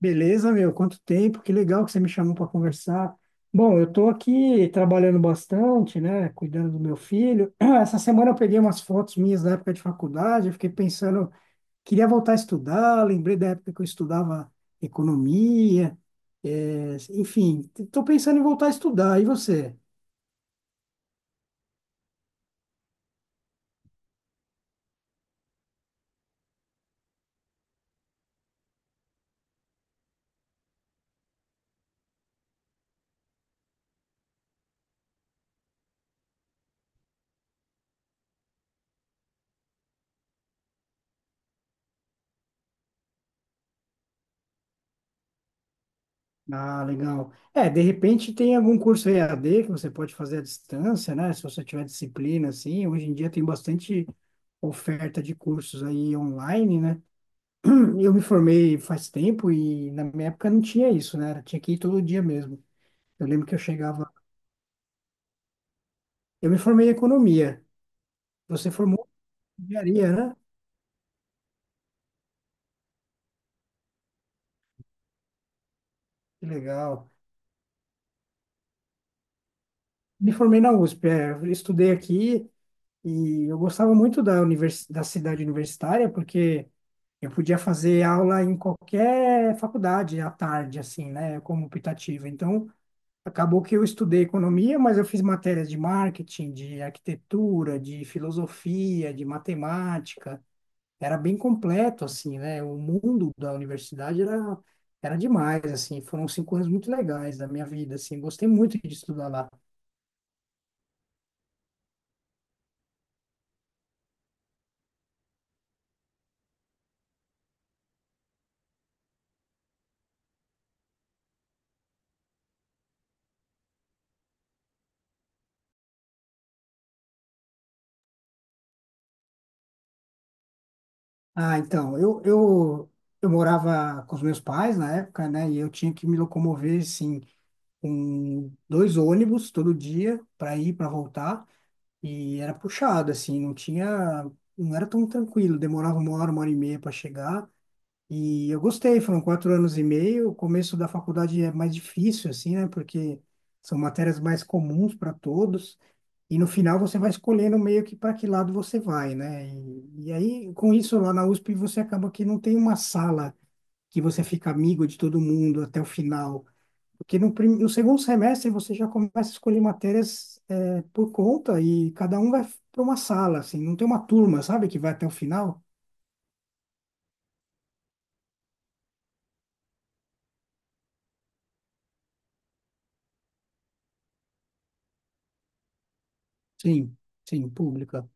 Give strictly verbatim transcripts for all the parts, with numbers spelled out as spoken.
Beleza, meu? Quanto tempo? Que legal que você me chamou para conversar. Bom, eu estou aqui trabalhando bastante, né? Cuidando do meu filho. Essa semana eu peguei umas fotos minhas da época de faculdade. Eu fiquei pensando, queria voltar a estudar. Lembrei da época que eu estudava economia. Eh, enfim, estou pensando em voltar a estudar. E você? Ah, legal. É, de repente tem algum curso E A D que você pode fazer à distância, né? Se você tiver disciplina, assim. Hoje em dia tem bastante oferta de cursos aí online, né? Eu me formei faz tempo e na minha época não tinha isso, né? Era- Tinha que ir todo dia mesmo. Eu lembro que eu chegava. Eu me formei em economia. Você formou em engenharia, né? Que legal. Me formei na U S P, é, eu estudei aqui e eu gostava muito da, univers... da cidade universitária porque eu podia fazer aula em qualquer faculdade à tarde, assim, né, como optativa. Então, acabou que eu estudei economia, mas eu fiz matérias de marketing, de arquitetura, de filosofia, de matemática. Era bem completo, assim, né? O mundo da universidade era, era demais, assim. Foram cinco anos muito legais da minha vida, assim. Gostei muito de estudar lá. Ah, então, eu, eu, eu morava com os meus pais na época, né? E eu tinha que me locomover, assim, com dois ônibus todo dia para ir, para voltar. E era puxado, assim, não tinha, não era tão tranquilo. Demorava uma hora, uma hora e meia para chegar. E eu gostei, foram quatro anos e meio. O começo da faculdade é mais difícil, assim, né? Porque são matérias mais comuns para todos. E no final você vai escolhendo meio que para que lado você vai, né? E, e aí, com isso, lá na U S P, você acaba que não tem uma sala que você fica amigo de todo mundo até o final. Porque no, prim- no segundo semestre você já começa a escolher matérias eh, por conta e cada um vai para uma sala, assim. Não tem uma turma, sabe, que vai até o final? Sim, sim, pública.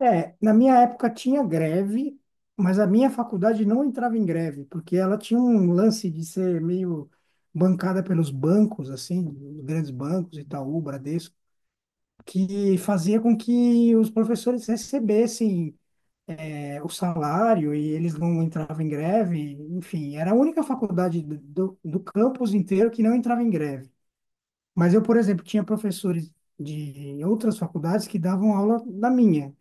É, na minha época tinha greve, mas a minha faculdade não entrava em greve, porque ela tinha um lance de ser meio bancada pelos bancos, assim, os grandes bancos, Itaú, Bradesco, que fazia com que os professores recebessem, é, o salário e eles não entravam em greve. Enfim, era a única faculdade do, do do campus inteiro que não entrava em greve. Mas eu, por exemplo, tinha professores de outras faculdades que davam aula na minha.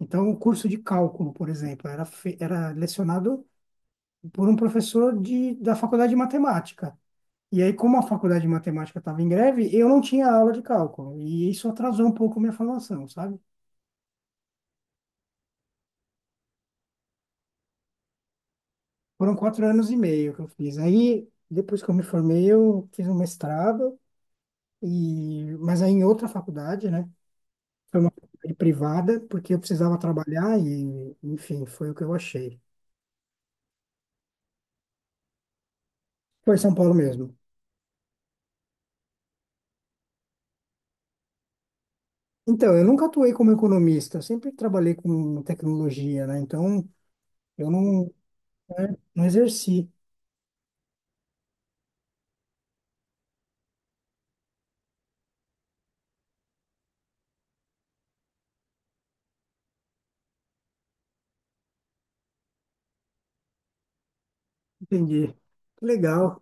Então, o curso de cálculo, por exemplo, era, fe- era lecionado por um professor de, da faculdade de matemática. E aí, como a faculdade de matemática estava em greve, eu não tinha aula de cálculo. E isso atrasou um pouco minha formação, sabe? Foram quatro anos e meio que eu fiz. Aí, depois que eu me formei, eu fiz um mestrado, e... mas aí em outra faculdade, né? Foi uma faculdade privada, porque eu precisava trabalhar e, enfim, foi o que eu achei. Foi em São Paulo mesmo. Então, eu nunca atuei como economista, eu sempre trabalhei com tecnologia, né? Então, eu não, né, não exerci. Entendi. Que legal.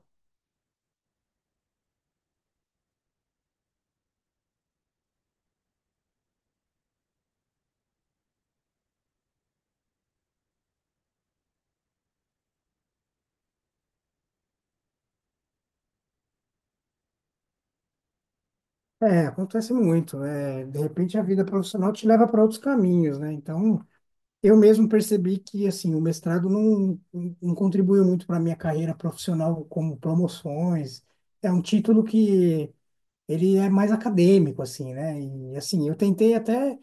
É, acontece muito. É, de repente, a vida profissional te leva para outros caminhos, né? Então, eu mesmo percebi que, assim, o mestrado não, não contribuiu muito para a minha carreira profissional, como promoções. É um título que ele é mais acadêmico, assim, né? E, assim, eu tentei até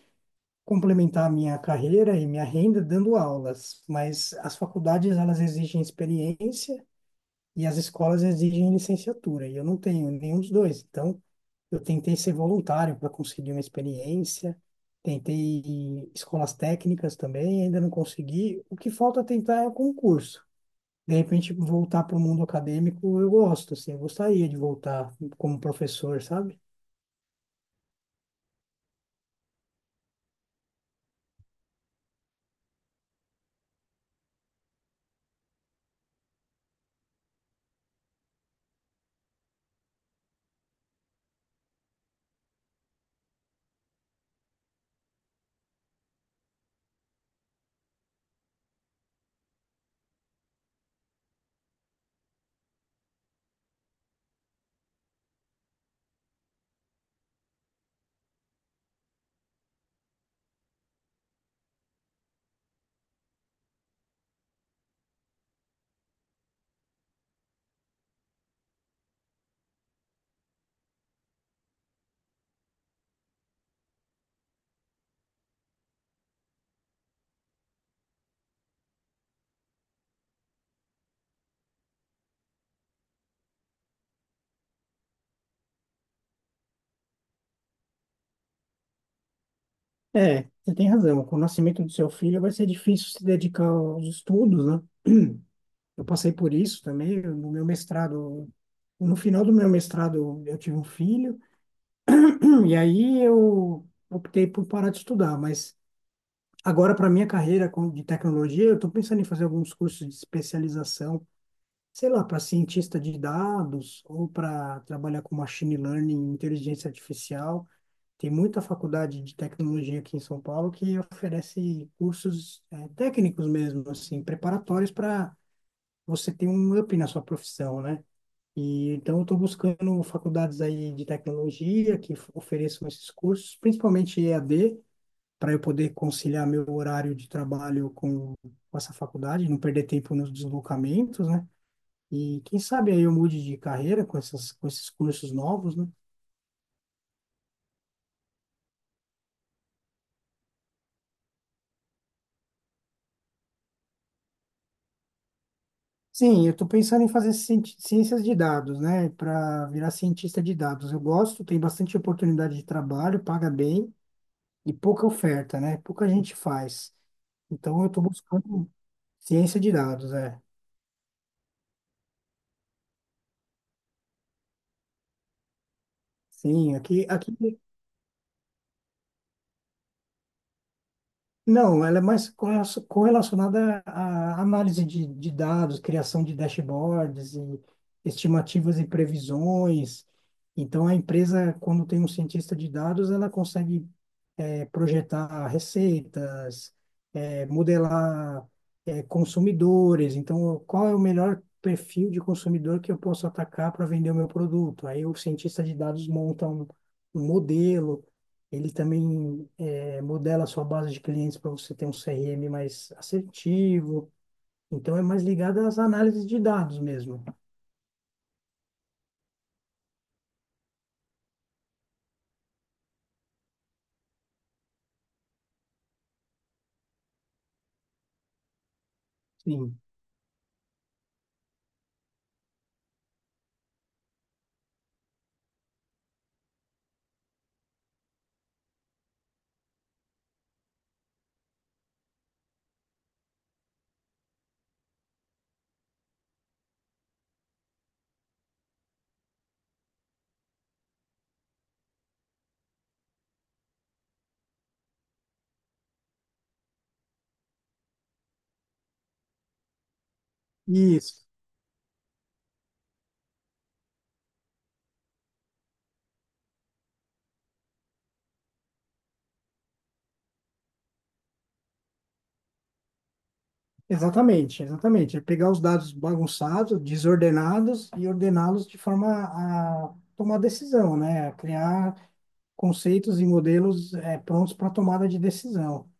complementar a minha carreira e minha renda dando aulas, mas as faculdades elas exigem experiência e as escolas exigem licenciatura, e eu não tenho nenhum dos dois. Então, eu tentei ser voluntário para conseguir uma experiência, tentei escolas técnicas também, ainda não consegui. O que falta tentar é o concurso. De repente, voltar para o mundo acadêmico, eu gosto, assim, eu gostaria de voltar como professor, sabe? É, você tem razão. Com o nascimento do seu filho vai ser difícil se dedicar aos estudos, né? Eu passei por isso também eu- no meu mestrado. No final do meu mestrado, eu tive um filho, e aí eu optei por parar de estudar. Mas agora, para minha carreira com- de tecnologia, eu estou pensando em fazer alguns cursos de especialização, sei lá, para cientista de dados ou para trabalhar com machine learning, inteligência artificial. Tem muita faculdade de tecnologia aqui em São Paulo que oferece cursos eh, técnicos mesmo, assim, preparatórios para você ter um up na sua profissão, né? E então eu estou buscando faculdades aí de tecnologia que f- ofereçam esses cursos, principalmente E A D, para eu poder conciliar meu horário de trabalho com, com essa faculdade, não perder tempo nos deslocamentos, né? E quem sabe aí eu mude de carreira com essas, com esses cursos novos, né? Sim, eu estou pensando em fazer cienti- ciências de dados, né? Para virar cientista de dados. Eu gosto, tem bastante oportunidade de trabalho, paga bem e pouca oferta, né? Pouca gente faz. Então, eu estou buscando ciência de dados, é. Sim, aqui, aqui não, ela é mais corre- correlacionada à análise de, de dados, criação de dashboards e estimativas e previsões. Então, a empresa, quando tem um cientista de dados, ela consegue é, projetar receitas, eh, modelar, eh, consumidores. Então, qual é o melhor perfil de consumidor que eu posso atacar para vender o meu produto? Aí o cientista de dados monta um, um modelo, ele também eh, modela a sua base de clientes para você ter um C R M mais assertivo. Então, é mais ligado às análises de dados mesmo. Sim. Isso. Exatamente, exatamente. É pegar os dados bagunçados, desordenados e ordená-los de forma a tomar decisão, né? A criar conceitos e modelos eh, prontos para tomada de decisão.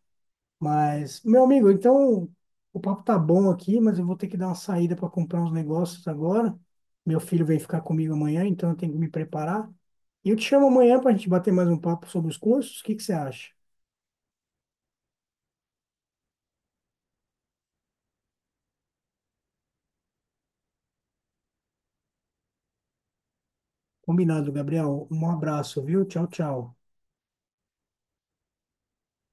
Mas, meu amigo, então o papo tá bom aqui, mas eu vou ter que dar uma saída para comprar uns negócios agora. Meu filho vem ficar comigo amanhã, então eu tenho que me preparar. E eu te chamo amanhã para a gente bater mais um papo sobre os cursos. O que que você acha? Combinado, Gabriel. Um abraço, viu? Tchau, tchau.